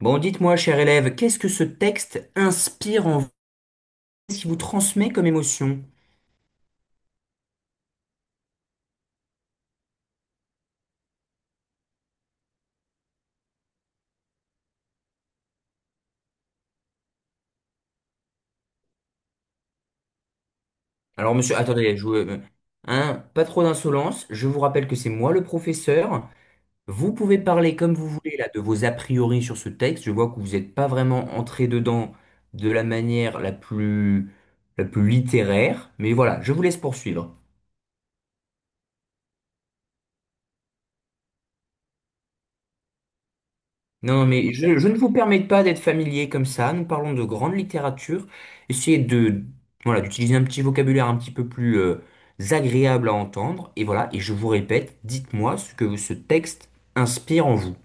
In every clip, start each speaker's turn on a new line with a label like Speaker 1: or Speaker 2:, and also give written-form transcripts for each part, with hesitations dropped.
Speaker 1: Bon, dites-moi, cher élève, qu'est-ce que ce texte inspire en vous, ce qui vous transmet comme émotion? Alors, monsieur, attendez, hein, pas trop d'insolence. Je vous rappelle que c'est moi le professeur. Vous pouvez parler comme vous voulez là de vos a priori sur ce texte. Je vois que vous n'êtes pas vraiment entré dedans de la manière la plus littéraire. Mais voilà, je vous laisse poursuivre. Non, mais je ne vous permets pas d'être familier comme ça. Nous parlons de grande littérature. Essayez de, voilà, d'utiliser un petit vocabulaire un petit peu plus agréable à entendre. Et voilà, et je vous répète, dites-moi ce que ce texte inspire en vous.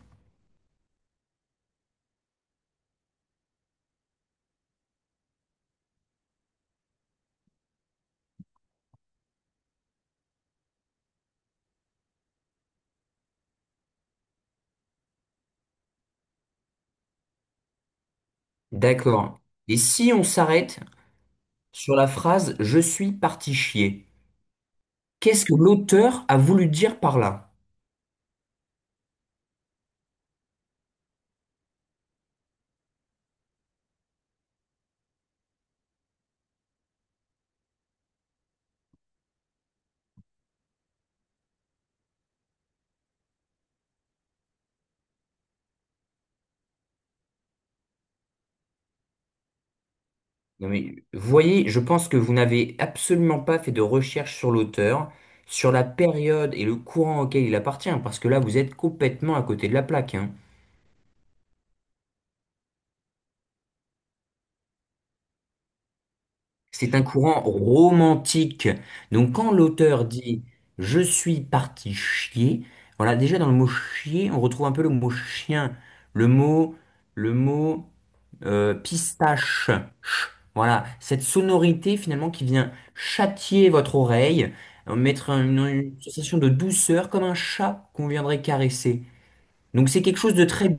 Speaker 1: D'accord. Et si on s'arrête sur la phrase «Je suis parti chier», qu'est-ce que l'auteur a voulu dire par là? Non mais, vous voyez, je pense que vous n'avez absolument pas fait de recherche sur l'auteur, sur la période et le courant auquel il appartient, parce que là, vous êtes complètement à côté de la plaque, hein. C'est un courant romantique. Donc quand l'auteur dit «je suis parti chier», voilà, déjà dans le mot chier, on retrouve un peu le mot chien, le mot le mot pistache. Ch. Voilà, cette sonorité finalement qui vient châtier votre oreille, mettre une sensation de douceur comme un chat qu'on viendrait caresser. Donc c'est quelque chose de très...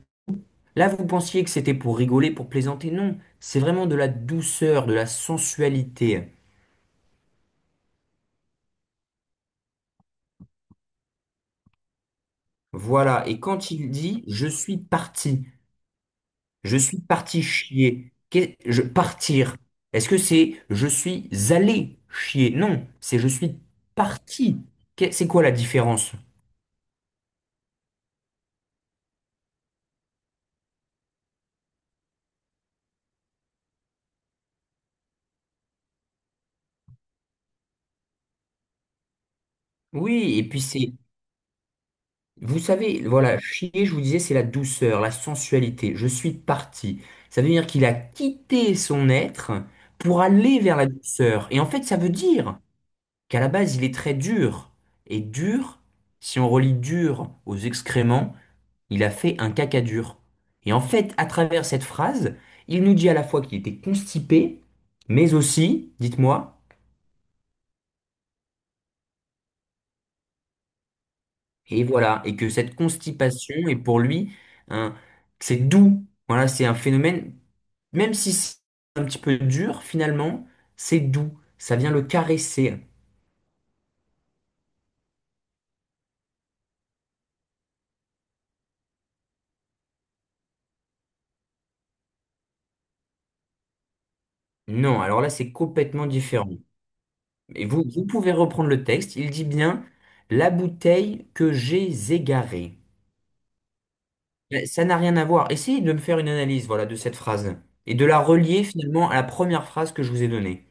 Speaker 1: Là, vous pensiez que c'était pour rigoler, pour plaisanter. Non, c'est vraiment de la douceur, de la sensualité. Voilà, et quand il dit je suis parti chier, qu'est- je partir, est-ce que c'est «je suis allé chier»? Non, c'est «je suis parti». C'est quoi la différence? Oui, et puis vous savez, voilà, chier, je vous disais, c'est la douceur, la sensualité. Je suis parti. Ça veut dire qu'il a quitté son être pour aller vers la douceur. Et en fait, ça veut dire qu'à la base, il est très dur. Et dur, si on relie dur aux excréments, il a fait un caca dur. Et en fait, à travers cette phrase, il nous dit à la fois qu'il était constipé, mais aussi, dites-moi, et voilà, et que cette constipation est pour lui un, c'est doux. Voilà, c'est un phénomène, même si c'est un petit peu dur, finalement, c'est doux. Ça vient le caresser. Non, alors là, c'est complètement différent. Et vous, vous pouvez reprendre le texte. Il dit bien «la bouteille que j'ai égarée». Mais ça n'a rien à voir. Essayez de me faire une analyse, voilà, de cette phrase et de la relier finalement à la première phrase que je vous ai donnée.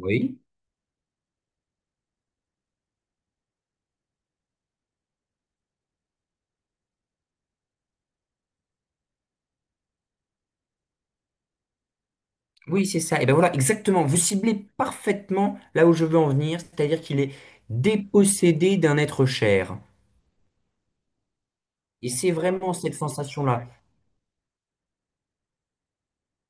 Speaker 1: Oui. Oui, c'est ça. Et ben voilà, exactement. Vous ciblez parfaitement là où je veux en venir, c'est-à-dire qu'il est dépossédé d'un être cher. Et c'est vraiment cette sensation-là.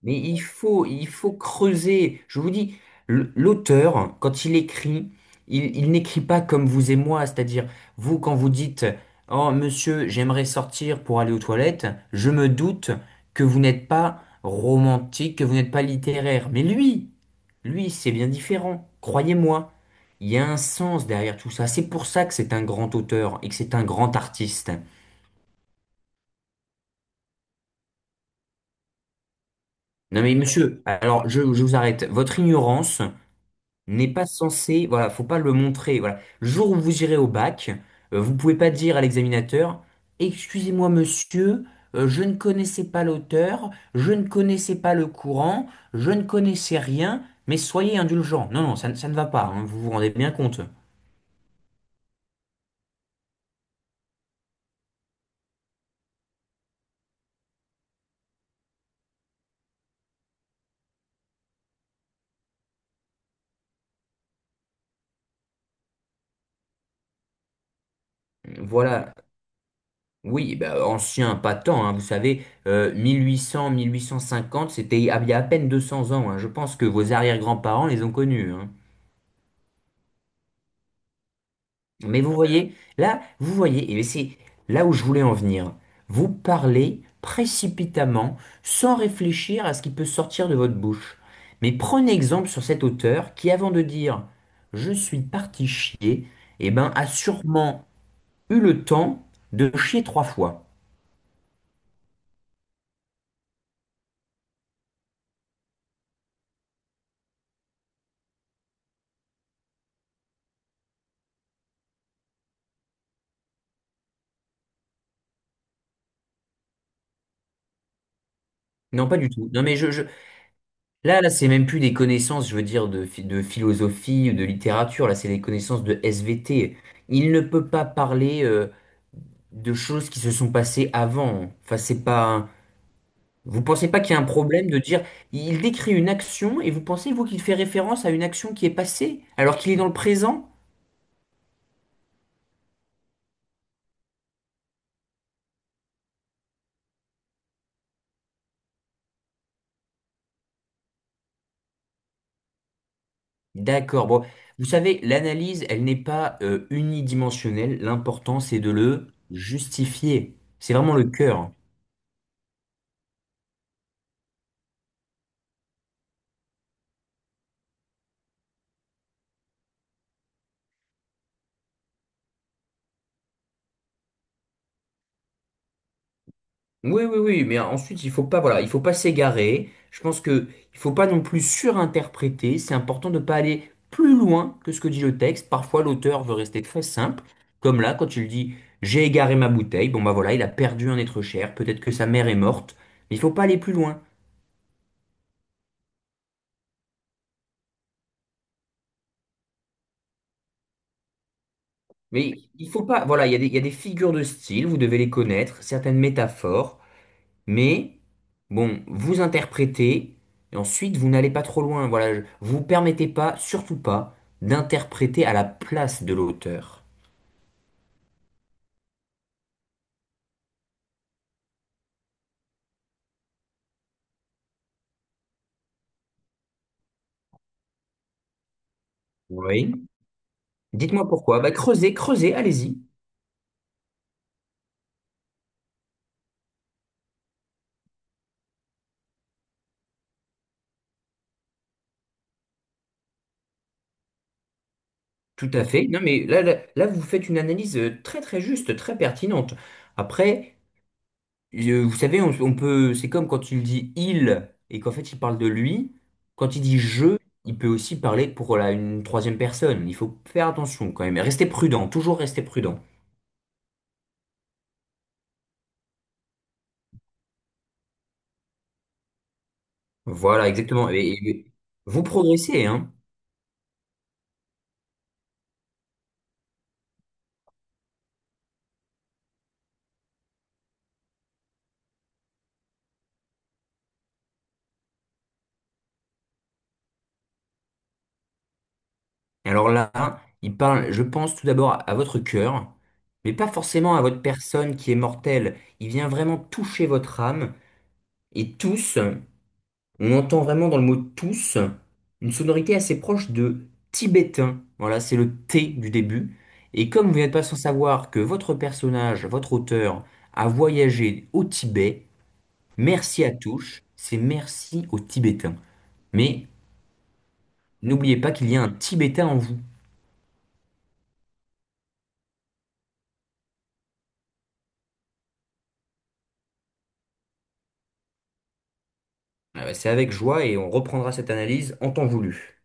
Speaker 1: Mais il faut creuser. Je vous dis, l'auteur, quand il écrit, il n'écrit pas comme vous et moi. C'est-à-dire, vous, quand vous dites, «Oh, monsieur, j'aimerais sortir pour aller aux toilettes», je me doute que vous n'êtes pas romantique, que vous n'êtes pas littéraire. Mais lui, c'est bien différent. Croyez-moi, il y a un sens derrière tout ça. C'est pour ça que c'est un grand auteur et que c'est un grand artiste. Non mais monsieur, alors je vous arrête. Votre ignorance n'est pas censé, voilà, faut pas le montrer, voilà. Le jour où vous irez au bac, vous pouvez pas dire à l'examinateur, «Excusez-moi, monsieur, je ne connaissais pas l'auteur, je ne connaissais pas le courant, je ne connaissais rien, mais soyez indulgent». Non, ça ne va pas, hein, vous vous rendez bien compte. Voilà. Oui, bah, ancien, pas tant, hein, vous savez, 1800, 1850, c'était il y a à peine 200 ans, hein. Je pense que vos arrière-grands-parents les ont connus, hein. Mais vous voyez, là, vous voyez, et c'est là où je voulais en venir. Vous parlez précipitamment, sans réfléchir à ce qui peut sortir de votre bouche. Mais prenez exemple sur cet auteur qui, avant de dire «je suis parti chier», eh ben, a sûrement eu le temps de chier 3 fois. Non, pas du tout. Non, mais là, c'est même plus des connaissances, je veux dire, de philosophie, de littérature. Là, c'est des connaissances de SVT. Il ne peut pas parler. De choses qui se sont passées avant. Enfin, c'est pas. Vous pensez pas qu'il y a un problème de dire il décrit une action et vous pensez, vous, qu'il fait référence à une action qui est passée alors qu'il est dans le présent? D'accord. Bon, vous savez, l'analyse, elle n'est pas unidimensionnelle. L'important, c'est de le justifier. C'est vraiment le cœur. Oui, mais ensuite, il faut pas, voilà, il faut pas s'égarer. Je pense que il faut pas non plus surinterpréter. C'est important de pas aller plus loin que ce que dit le texte. Parfois, l'auteur veut rester très simple, comme là, quand il dit «j'ai égaré ma bouteille». Bon, bah voilà, il a perdu un être cher. Peut-être que sa mère est morte. Mais il faut pas aller plus loin. Mais il faut pas, voilà, il y a des figures de style. Vous devez les connaître, certaines métaphores. Mais, bon, vous interprétez, et ensuite vous n'allez pas trop loin. Voilà, vous vous permettez pas, surtout pas, d'interpréter à la place de l'auteur. Oui. Dites-moi pourquoi. Bah, creusez, allez-y. Tout à fait. Non, mais là, vous faites une analyse très juste, très pertinente. Après, vous savez, on peut, c'est comme quand il dit il et qu'en fait il parle de lui. Quand il dit je, il peut aussi parler pour une troisième personne. Il faut faire attention quand même. Restez prudent, toujours rester prudent. Voilà, exactement. Et vous progressez, hein. Et alors là, il parle, je pense tout d'abord à votre cœur, mais pas forcément à votre personne qui est mortelle. Il vient vraiment toucher votre âme. Et tous, on entend vraiment dans le mot tous une sonorité assez proche de tibétain. Voilà, c'est le T du début. Et comme vous n'êtes pas sans savoir que votre personnage, votre auteur, a voyagé au Tibet, merci à tous, c'est merci aux Tibétains. Mais n'oubliez pas qu'il y a un Tibétain en vous. C'est avec joie et on reprendra cette analyse en temps voulu.